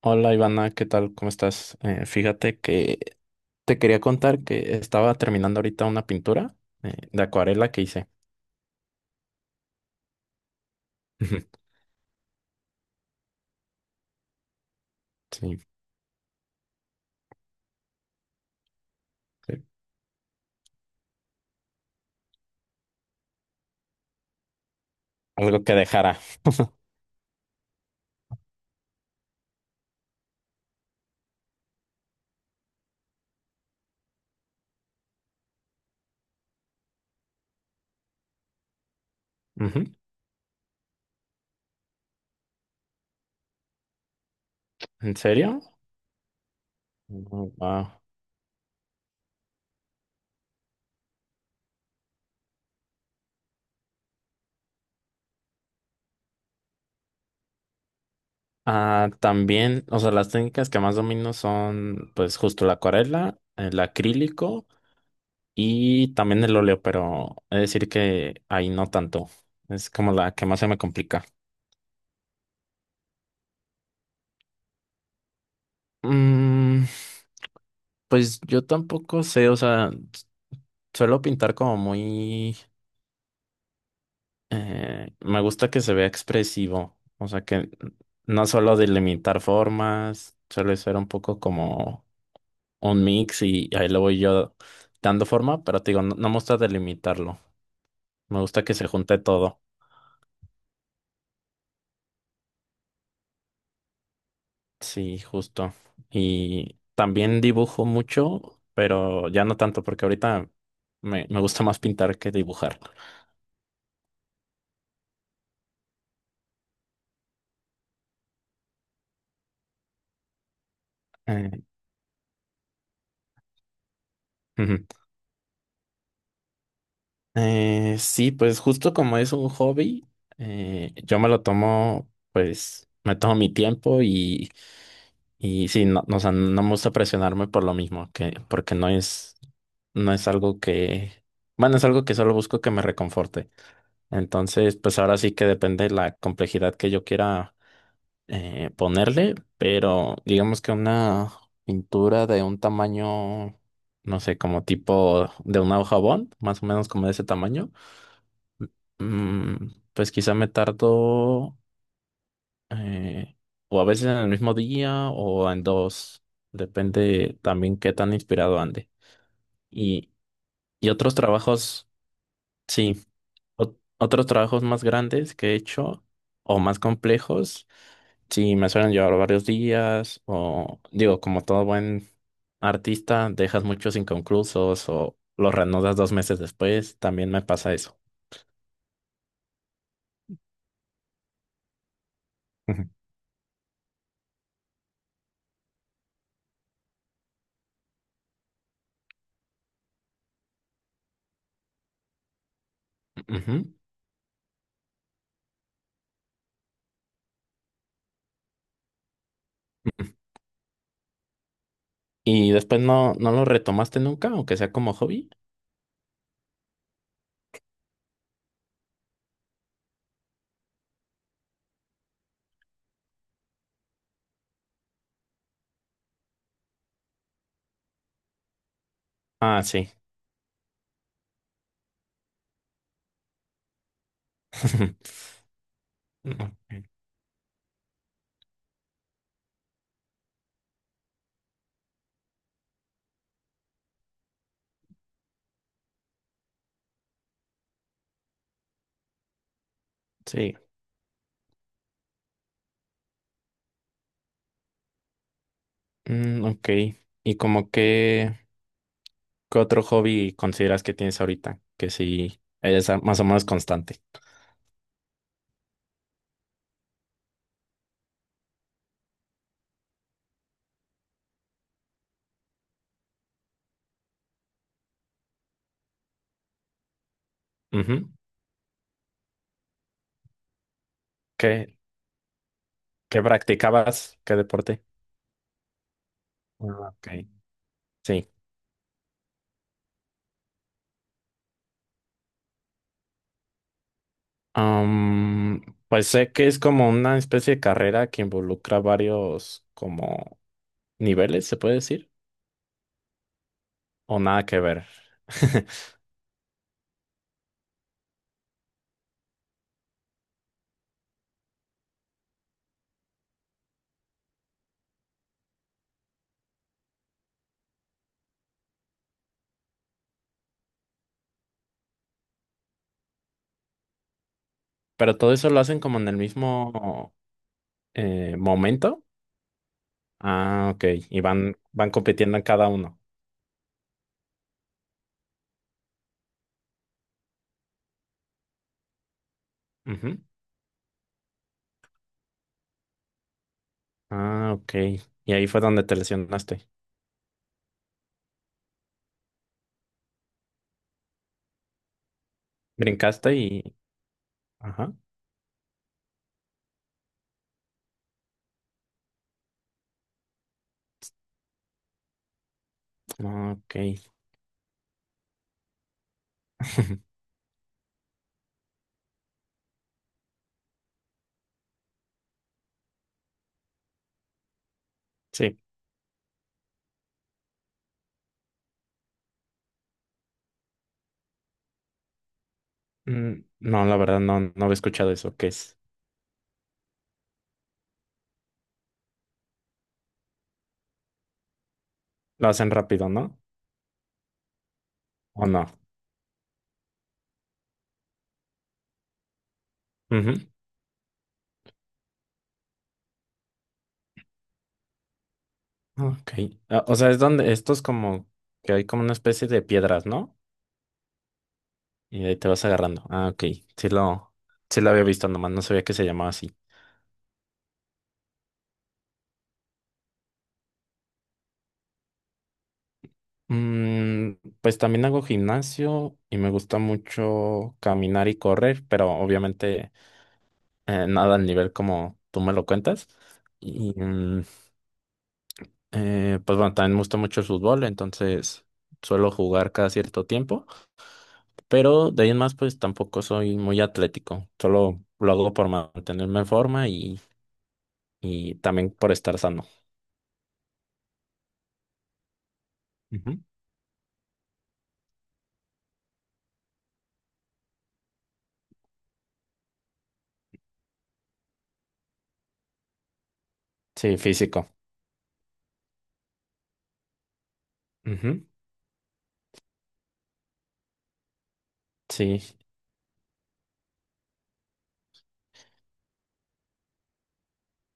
Hola Ivana, ¿qué tal? ¿Cómo estás? Fíjate que te quería contar que estaba terminando ahorita una pintura de acuarela que hice. Sí, sí, algo que dejara. Ujú. ¿En serio? Mm, wow. Ah, también, o sea, las técnicas que más domino son, pues, justo la acuarela, el acrílico y también el óleo, pero es decir que ahí no tanto. Es como la que más se me complica. Mm, pues yo tampoco sé, o sea. Suelo pintar como muy... me gusta que se vea expresivo, o sea que no solo delimitar formas, suele ser un poco como un mix y ahí lo voy yo dando forma, pero te digo, no me gusta delimitarlo, me gusta que se junte todo, sí, justo. Y también dibujo mucho, pero ya no tanto porque ahorita me gusta más pintar que dibujar. Eh, ujú. Sí, pues justo como es un hobby, yo me lo tomo, pues me tomo mi tiempo y sí, o sea, no me gusta presionarme por lo mismo, porque no es. no es algo que, bueno, es algo que solo busco que me reconforte. Entonces, pues ahora sí que depende de la complejidad que yo quiera ponerle, pero digamos que una pintura de un tamaño, no sé, como tipo de una hoja bond, más o menos como de ese tamaño. Mm, pues quizá me tardo eh, o a veces en el mismo día o en dos, depende también qué tan inspirado ande. Y, y otros trabajos, sí, otros trabajos más grandes que he hecho o más complejos, sí, me suelen llevar varios días o digo, como todo buen artista, dejas muchos inconclusos o los reanudas dos meses después, también me pasa eso. Ujú, ujú. ¿Y después no lo retomaste nunca, aunque sea como hobby? Ah, sí. Ok, sí. Mm, ok. ¿Y como qué otro hobby consideras que tienes ahorita? Que sí, eres más o menos constante. Ujú. ¿Qué, qué practicabas? ¿Qué deporte? Ah, ok. Sí. Am, pues sé que es como una especie de carrera que involucra varios como niveles, ¿se puede decir? O nada que ver. Pero todo eso lo hacen como en el mismo. ¿Momento? Ah, ok. Y van compitiendo en cada uno. Ujú. Ah, ok. Y ahí fue donde te lesionaste. Brincaste y... Ajá. Ah, ok. Sí. Mm, no, la verdad no había escuchado eso. ¿Qué es? Lo hacen rápido, ¿no? ¿O no? Ujú. Ah, ok. Ah, o sea, es donde esto es como que hay como una especie de piedras, ¿no? Y de ahí te vas agarrando. Ah, ok. Sí lo, sí lo había visto, nomás no sabía que se llamaba así. Mm, pues también hago gimnasio y me gusta mucho caminar y correr, pero obviamente nada al nivel como tú me lo cuentas. Y pues bueno, también me gusta mucho el fútbol, entonces suelo jugar cada cierto tiempo, pero de ahí en más pues tampoco soy muy atlético, solo lo hago por mantenerme en forma y también por estar sano. Ujú. Sí, físico. Ujú. Sí,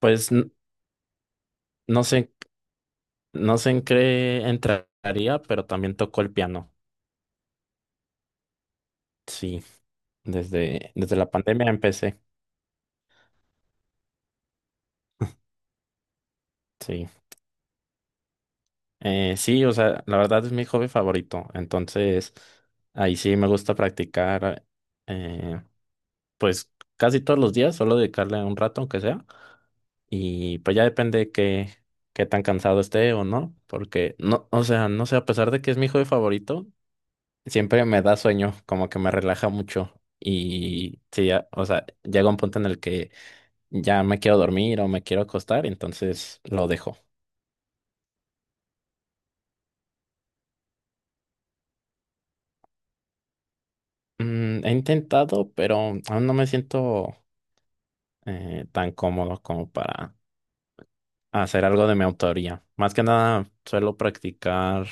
pues no sé. No sé en qué entraría, pero también tocó el piano. Sí, desde la pandemia empecé. Sí. Sí, o sea, la verdad es mi hobby favorito. Entonces, ahí sí me gusta practicar, eh, pues casi todos los días, solo dedicarle un rato, aunque sea. Y pues ya depende qué tan cansado esté o no, porque no, o sea, no sé, a pesar de que es mi hobby favorito, siempre me da sueño, como que me relaja mucho. Y sí, ya, o sea, llega un punto en el que ya me quiero dormir o me quiero acostar, entonces lo dejo. Mm, he intentado, pero aún no me siento tan cómodo como para hacer algo de mi autoría. Más que nada, suelo practicar,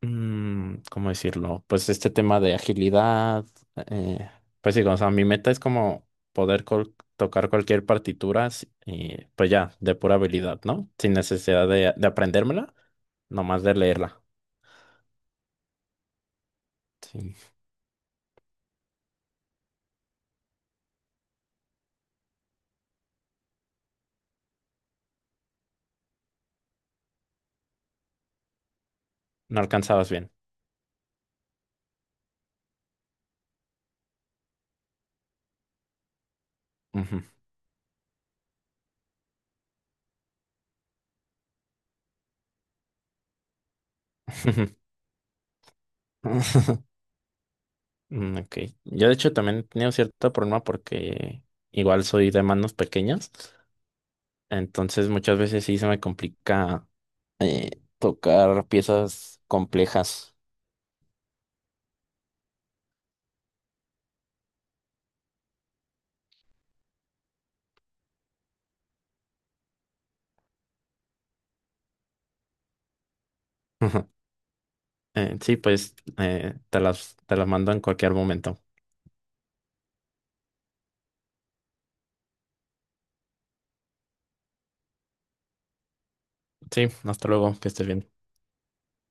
mm, ¿cómo decirlo? Pues este tema de agilidad. eh, pues sí, o sea, mi meta es como poder tocar cualquier partitura, y pues ya, de pura habilidad, ¿no? Sin necesidad de aprendérmela, nomás de leerla. Sí. No alcanzabas bien. Ujú. Mm, ok. Yo de hecho también he tenido cierto problema porque igual soy de manos pequeñas, entonces muchas veces sí se me complica eh, tocar piezas complejas. Ujú. Sí, pues te las mando en cualquier momento. Sí, hasta luego, que estés bien.